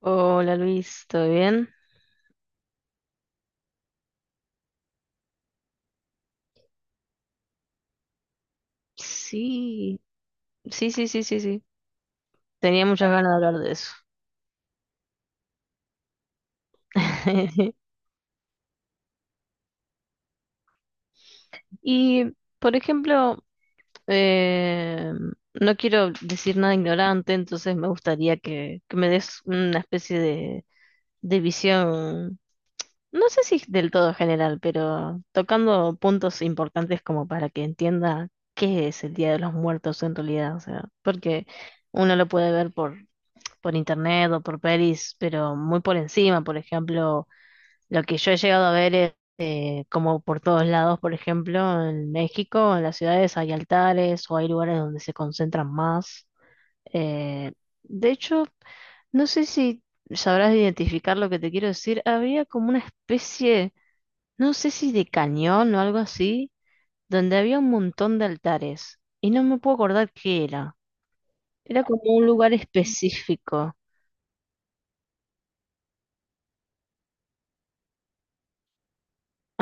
Hola Luis, ¿todo bien? Sí, sí, sí, sí, sí, sí. Tenía muchas ganas de hablar de eso. Y, por ejemplo, eh, no quiero decir nada ignorante, entonces me gustaría que me des una especie de visión, no sé si del todo general, pero tocando puntos importantes como para que entienda qué es el Día de los Muertos en realidad, o sea, porque uno lo puede ver por internet o por pelis, pero muy por encima. Por ejemplo, lo que yo he llegado a ver es como por todos lados, por ejemplo, en México, en las ciudades hay altares o hay lugares donde se concentran más. Eh, de hecho, no sé si sabrás identificar lo que te quiero decir. Había como una especie, no sé si de cañón o algo así, donde había un montón de altares. Y no me puedo acordar qué era. Era como un lugar específico.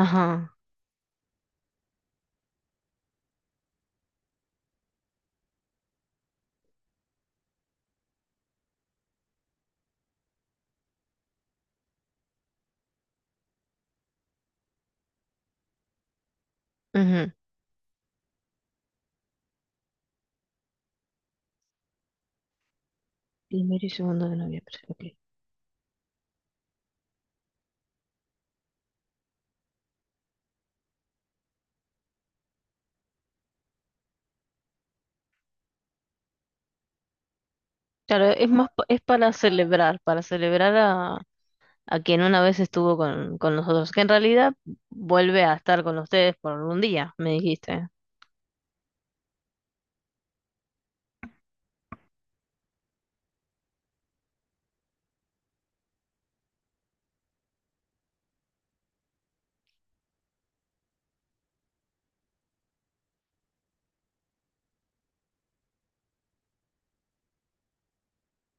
Ajá. Ujú. Primero y segundo de noviembre. Ok. Claro, es más, es para celebrar a quien una vez estuvo con nosotros, que en realidad vuelve a estar con ustedes por un día, me dijiste.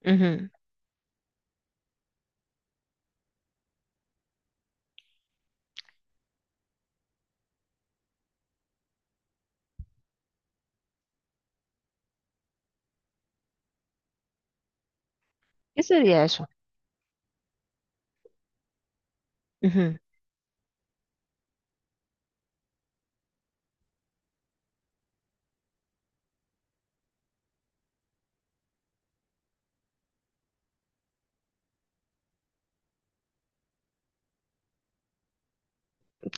Ujú. ¿Qué sería eso? Ujú.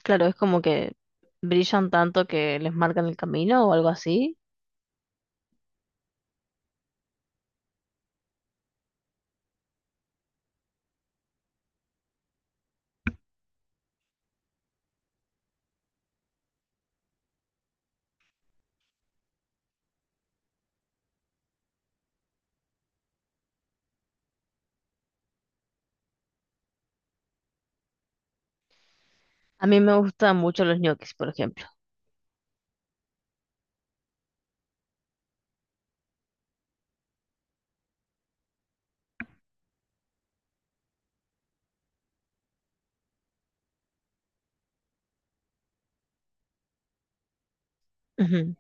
Claro, es como que brillan tanto que les marcan el camino o algo así. A mí me gustan mucho los ñoquis, por ejemplo. Ujú.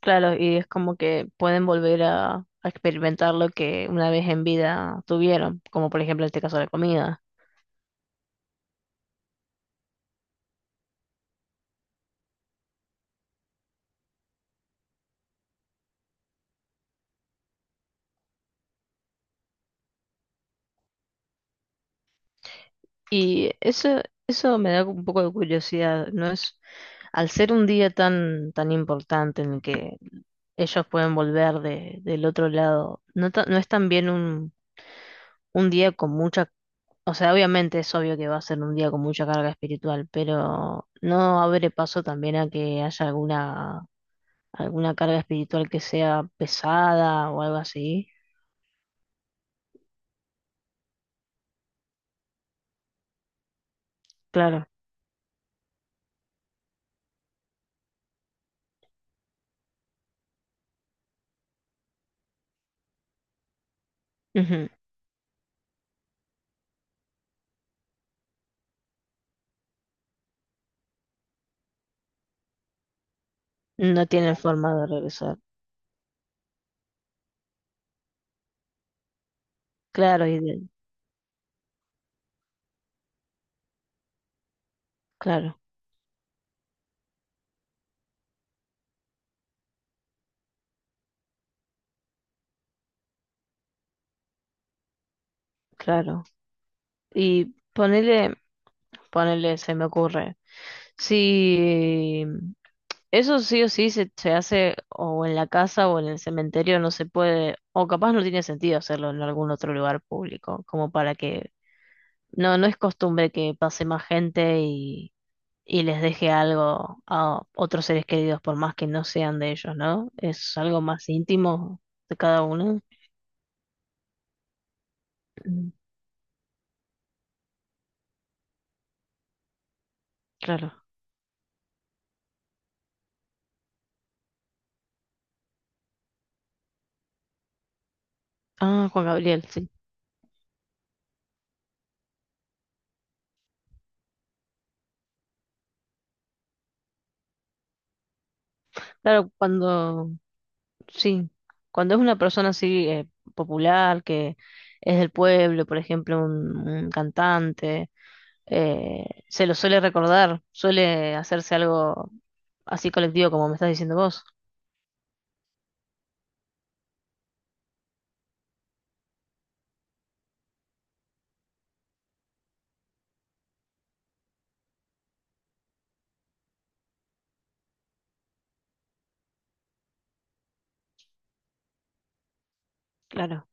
Claro, y es como que pueden volver a experimentar lo que una vez en vida tuvieron, como por ejemplo en este caso la comida. Y eso me da un poco de curiosidad, ¿no es? Al ser un día tan, tan importante en el que ellos pueden volver de, del otro lado. No, no es también un día con mucha, o sea, obviamente es obvio que va a ser un día con mucha carga espiritual, pero no abre paso también a que haya alguna, alguna carga espiritual que sea pesada o algo así. Claro, ujú. No tienen forma de regresar. Claro, claro, claro. Y ponele, ponele, se me ocurre. Si eso sí o sí se hace o en la casa o en el cementerio, no se puede, o capaz no tiene sentido hacerlo en algún otro lugar público, como para que no, no es costumbre que pase más gente y les deje algo a otros seres queridos, por más que no sean de ellos, ¿no? Es algo más íntimo de cada uno. Mm. Claro. Ah, Juan Gabriel, sí. Claro, cuando, sí, cuando es una persona así popular, que es del pueblo, por ejemplo, un cantante, se lo suele recordar, suele hacerse algo así colectivo como me estás diciendo vos. Claro.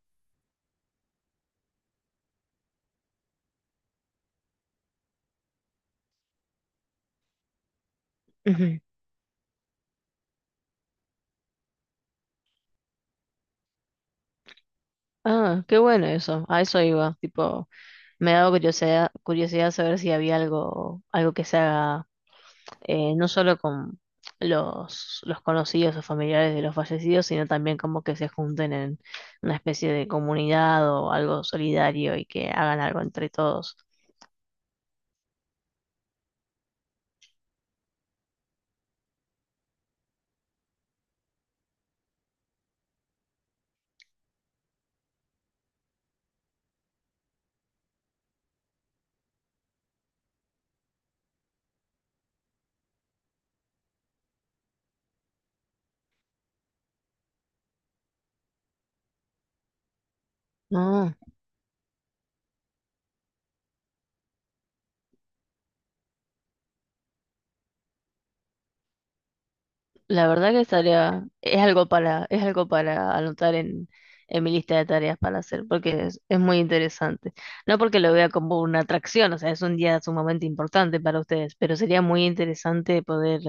Ujú. Ah, qué bueno eso, a eso iba, tipo, me daba curiosidad, curiosidad saber si había algo, algo que se haga no solo con los conocidos o familiares de los fallecidos, sino también como que se junten en una especie de comunidad o algo solidario y que hagan algo entre todos. No. La verdad que estaría, es algo para anotar en mi lista de tareas para hacer, porque es muy interesante. No porque lo vea como una atracción, o sea, es un día sumamente importante para ustedes, pero sería muy interesante poder,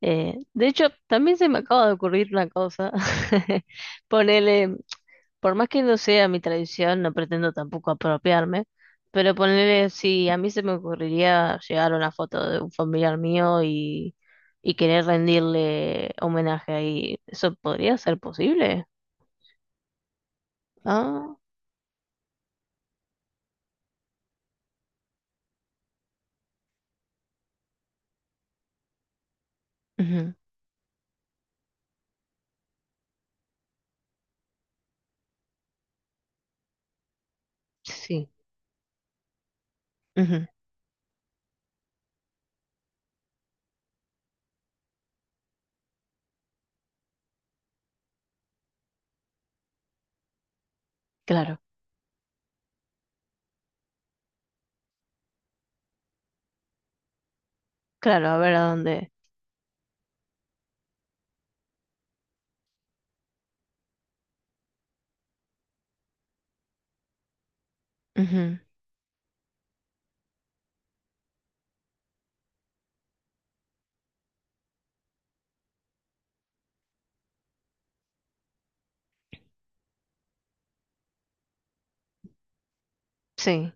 de hecho, también se me acaba de ocurrir una cosa, ponerle por más que no sea mi tradición, no pretendo tampoco apropiarme, pero ponerle, si a mí se me ocurriría llegar a una foto de un familiar mío y querer rendirle homenaje ahí, ¿eso podría ser posible? Ah, ujú, sí, ujú, claro, claro, a ver a dónde. Ujú, sí,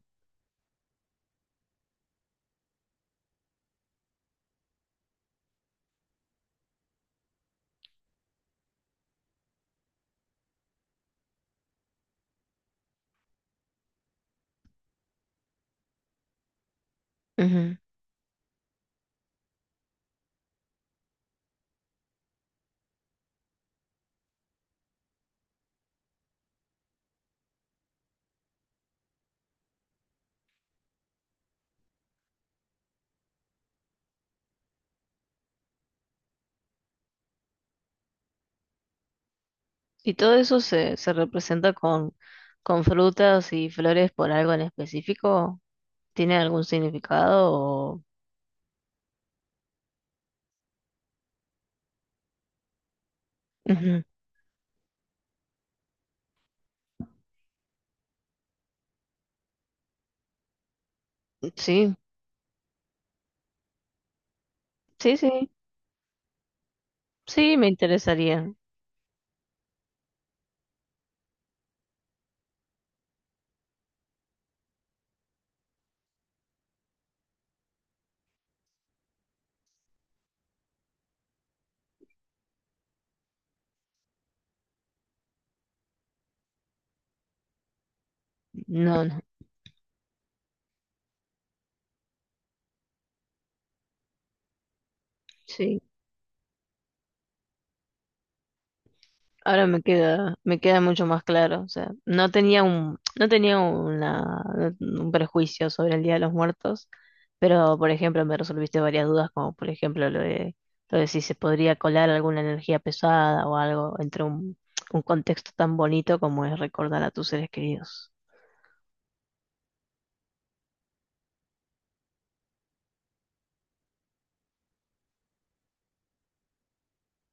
ujú. Y todo eso se, se representa con frutas y flores por algo en específico. ¿Tiene algún significado? O... Ujú. Sí, sí, sí. Sí, me interesaría. No, no, sí. Ahora me queda mucho más claro. O sea, no tenía un, no tenía una, un prejuicio sobre el Día de los Muertos, pero por ejemplo me resolviste varias dudas, como por ejemplo lo de si se podría colar alguna energía pesada o algo entre un contexto tan bonito como es recordar a tus seres queridos.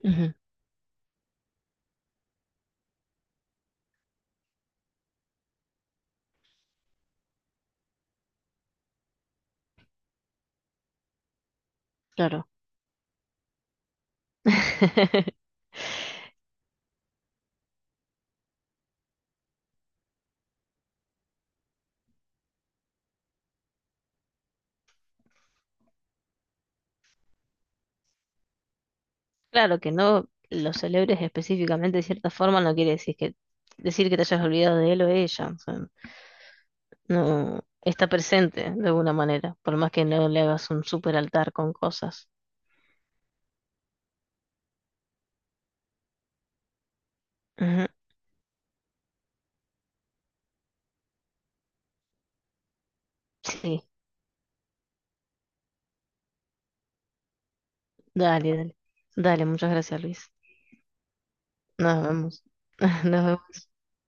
Ujú, claro. Claro, que no lo celebres específicamente de cierta forma no quiere decir que te hayas olvidado de él o ella. O sea, no está presente de alguna manera, por más que no le hagas un super altar con cosas. Ujú. Sí, dale, dale. Dale, muchas gracias, Luis. Nos vemos. Nos vemos.